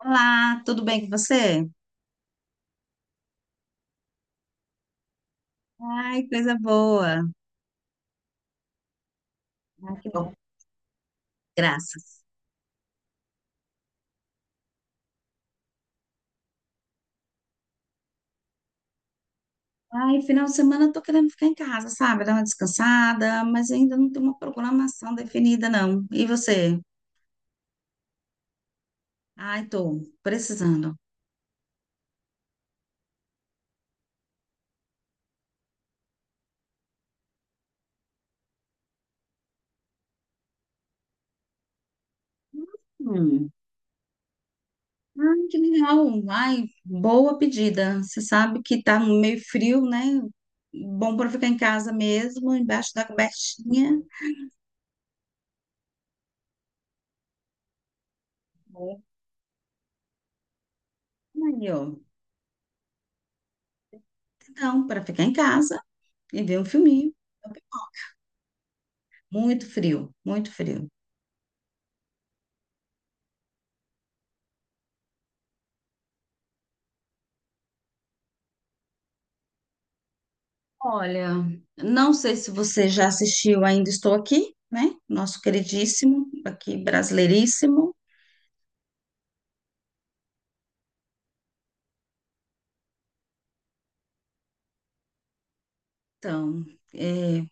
Olá, tudo bem com você? Ai, coisa boa. Ai, que bom, graças. Ai, final de semana eu tô querendo ficar em casa, sabe? Dar uma descansada, mas ainda não tem uma programação definida, não. E você? Ai, tô precisando. Hum. Ai, que legal. Ai, boa pedida. Você sabe que tá meio frio, né? Bom para ficar em casa mesmo, embaixo da cobertinha. Bom. Aí, ó. Então, para ficar em casa e ver um filminho. Muito frio, muito frio. Olha, não sei se você já assistiu Ainda Estou Aqui, né? Nosso queridíssimo, aqui brasileiríssimo. Então, é,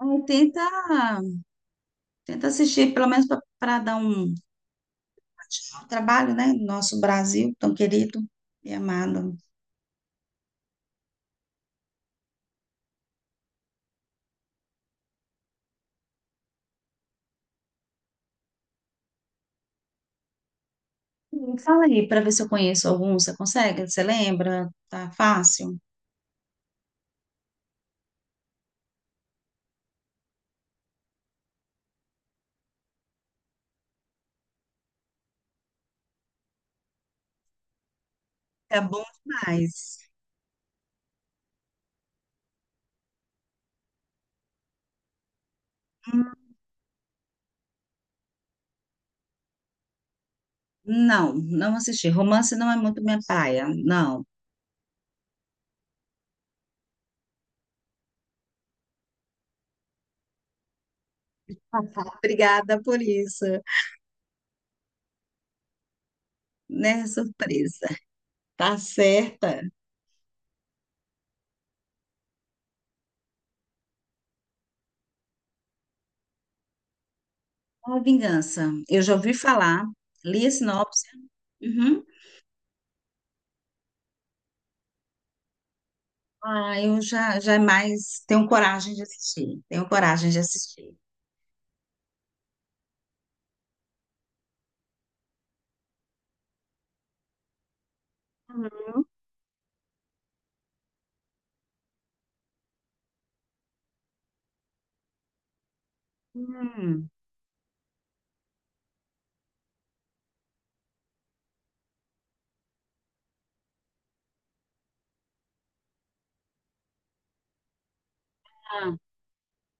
aí tenta, tenta assistir, pelo menos para um trabalho, né? Nosso Brasil tão querido e amado. Fala aí para ver se eu conheço algum. Você consegue? Você lembra? Tá fácil? É bom demais. Não, não assisti. Romance não é muito minha praia, não. Obrigada por isso, né? Surpresa. Tá certa. A vingança. Eu já ouvi falar, li a sinopse. Uhum. Ah, eu já, já é mais tenho coragem de assistir. Tenho coragem de assistir. Hum, tá.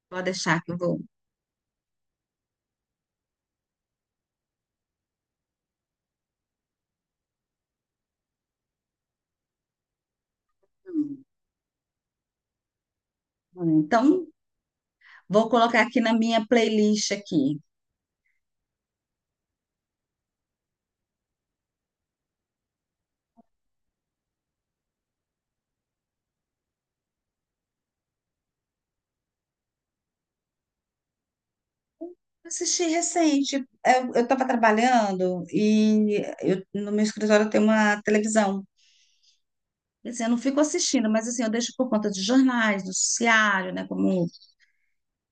Pode deixar que eu vou. Hum. Hum, então, vou colocar aqui na minha playlist aqui. Assisti recente. Eu estava trabalhando e no meu escritório tem uma televisão. Assim, eu não fico assistindo, mas assim, eu deixo por conta de jornais, do noticiário, né? Como...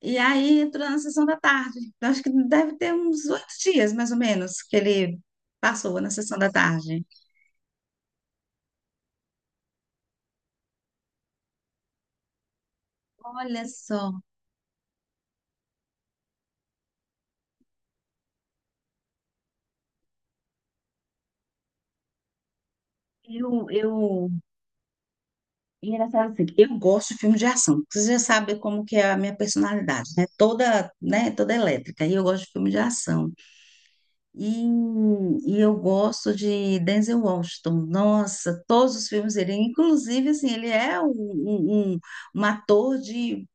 E aí entro na sessão da tarde. Eu acho que deve ter uns oito dias, mais ou menos, que ele passou na sessão da tarde. Olha só, eu, eu... e engraçado assim, eu gosto de filme de ação. Você já sabe como que é a minha personalidade, né? Toda, né? Toda elétrica. E eu gosto de filme de ação. E, e eu gosto de Denzel Washington. Nossa, todos os filmes dele. Inclusive, assim, ele é um, um, um- um ator de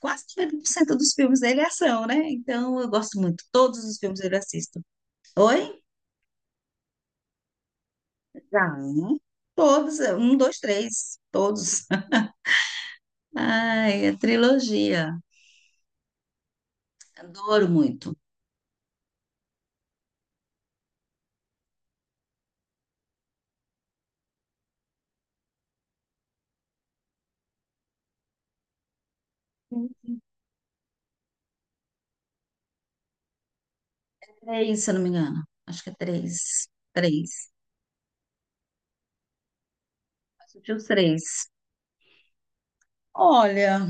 quase 90% dos filmes dele é ação, né? Então, eu gosto muito. Todos os filmes dele eu assisto. Oi? Já, né? Todos. Um, dois, três. Todos. Ai, a trilogia. Adoro muito. Três, se eu não me engano. Acho que é três. Três. Assisti os três. Olha.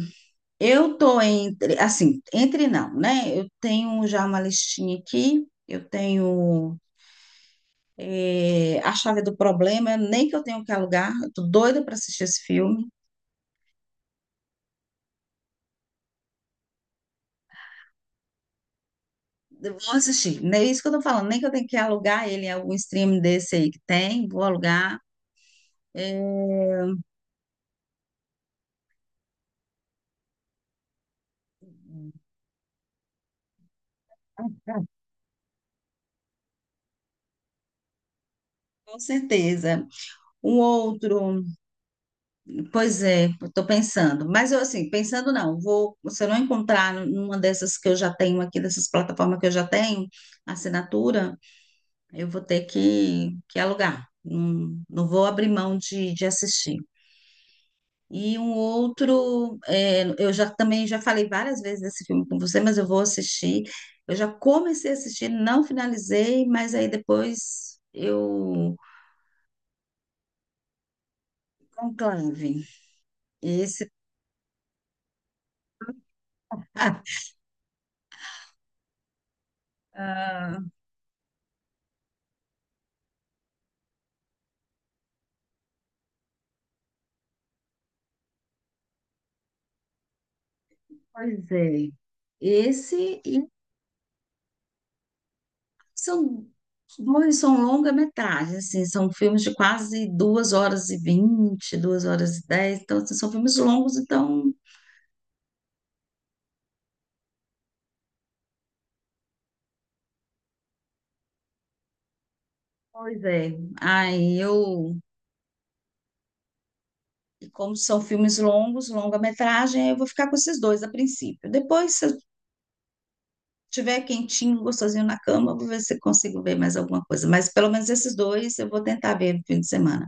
Eu tô entre, assim, entre não, né? Eu tenho já uma listinha aqui, eu tenho A Chave do Problema, nem que eu tenho que alugar, eu tô doida para assistir esse filme. Eu vou assistir, não é isso que eu tô falando, nem que eu tenho que alugar ele em algum stream desse aí que tem, vou alugar. Com certeza. Um outro, pois é, estou pensando, mas eu assim, pensando não, vou, se eu não encontrar numa dessas que eu já tenho aqui, dessas plataformas que eu já tenho, assinatura, eu vou ter que alugar. Não, não vou abrir mão de assistir. E um outro, é, eu já também já falei várias vezes desse filme com você, mas eu vou assistir. Eu já comecei a assistir, não finalizei, mas aí depois eu conclave. Esse, ah, ah, pois é. Esse e. São dois, são longa-metragem, assim, são filmes de quase duas horas e vinte, duas horas e dez, então assim, são filmes longos, então, pois é. Aí eu, e como são filmes longos, longa-metragem, aí eu vou ficar com esses dois a princípio. Depois, se eu tiver quentinho, gostosinho na cama, eu vou ver se eu consigo ver mais alguma coisa, mas pelo menos esses dois eu vou tentar ver no fim de semana.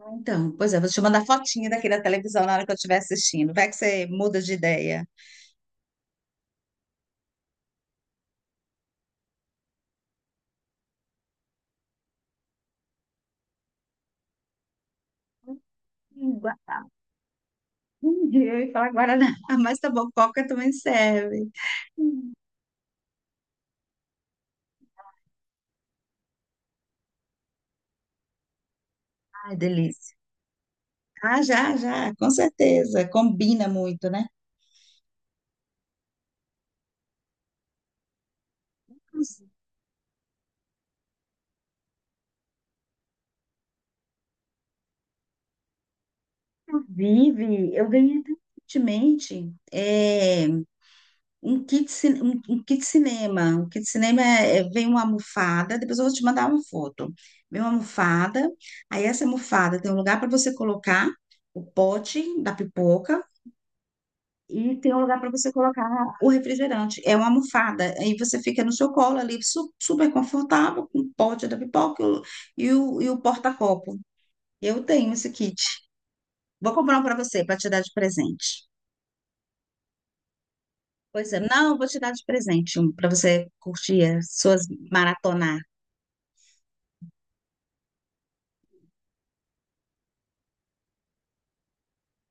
Ah, então, pois é, vou te mandar fotinha daqui da televisão na hora que eu estiver assistindo. Vai que você muda de ideia. Entendi. Eu ia falar Guaraná, mas tá bom, Coca também serve. Hum. Ai, delícia. Ah, já, já, com certeza. Combina muito, né? Inclusive, eu ganhei até recentemente um kit, um kit cinema. Um kit cinema vem uma almofada, depois eu vou te mandar uma foto. Vem uma almofada, aí essa almofada tem um lugar para você colocar o pote da pipoca, e tem um lugar para você colocar o refrigerante. É uma almofada. Aí você fica no seu colo ali, super confortável, com o pote da pipoca e o porta-copo. Eu tenho esse kit. Vou comprar um para você, para te dar de presente. Pois é, não, eu vou te dar de presente um para você curtir as suas maratonar.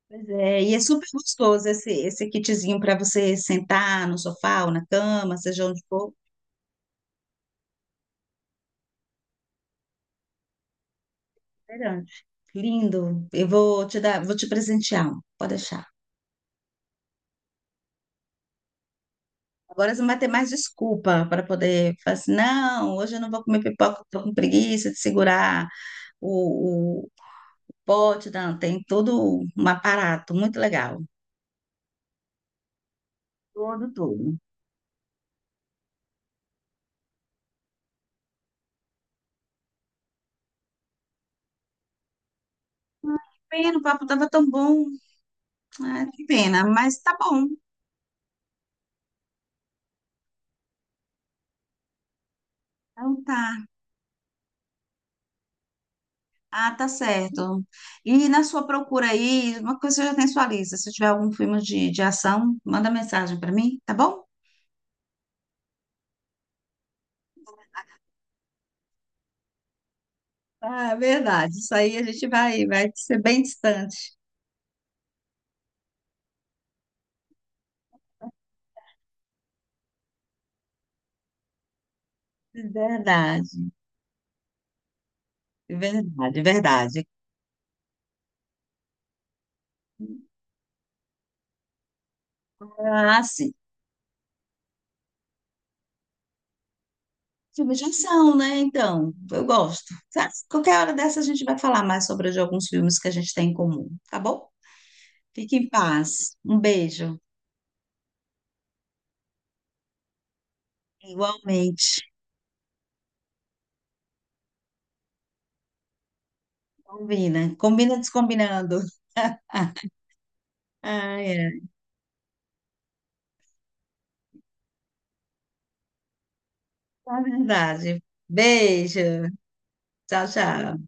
Pois é, e é super gostoso esse, esse kitzinho para você sentar no sofá ou na cama, seja onde for. Refrigerante. Lindo. Eu vou te dar, vou te presentear. Um. Pode deixar. Agora você não vai ter mais desculpa para poder falar assim, não, hoje eu não vou comer pipoca, estou com preguiça de segurar o pote, não, tem todo um aparato muito legal. Todo, tudo. Pena, o papo tava tão bom. Ah, que pena, mas tá bom. Então tá. Ah, tá certo. E na sua procura aí, uma coisa que você já tem sua lista. Se tiver algum filme de ação, manda mensagem para mim, tá bom? Ah, é verdade. Isso aí a gente vai, vai ser bem distante. Verdade. Verdade, verdade. Ah, sim. Filmes de ação, né? Então, eu gosto. Sabe? Qualquer hora dessa a gente vai falar mais sobre de alguns filmes que a gente tem em comum, tá bom? Fique em paz. Um beijo. Igualmente. Combina. Combina descombinando. Ai, é. Tá verdade. Beijo. Tchau, tchau.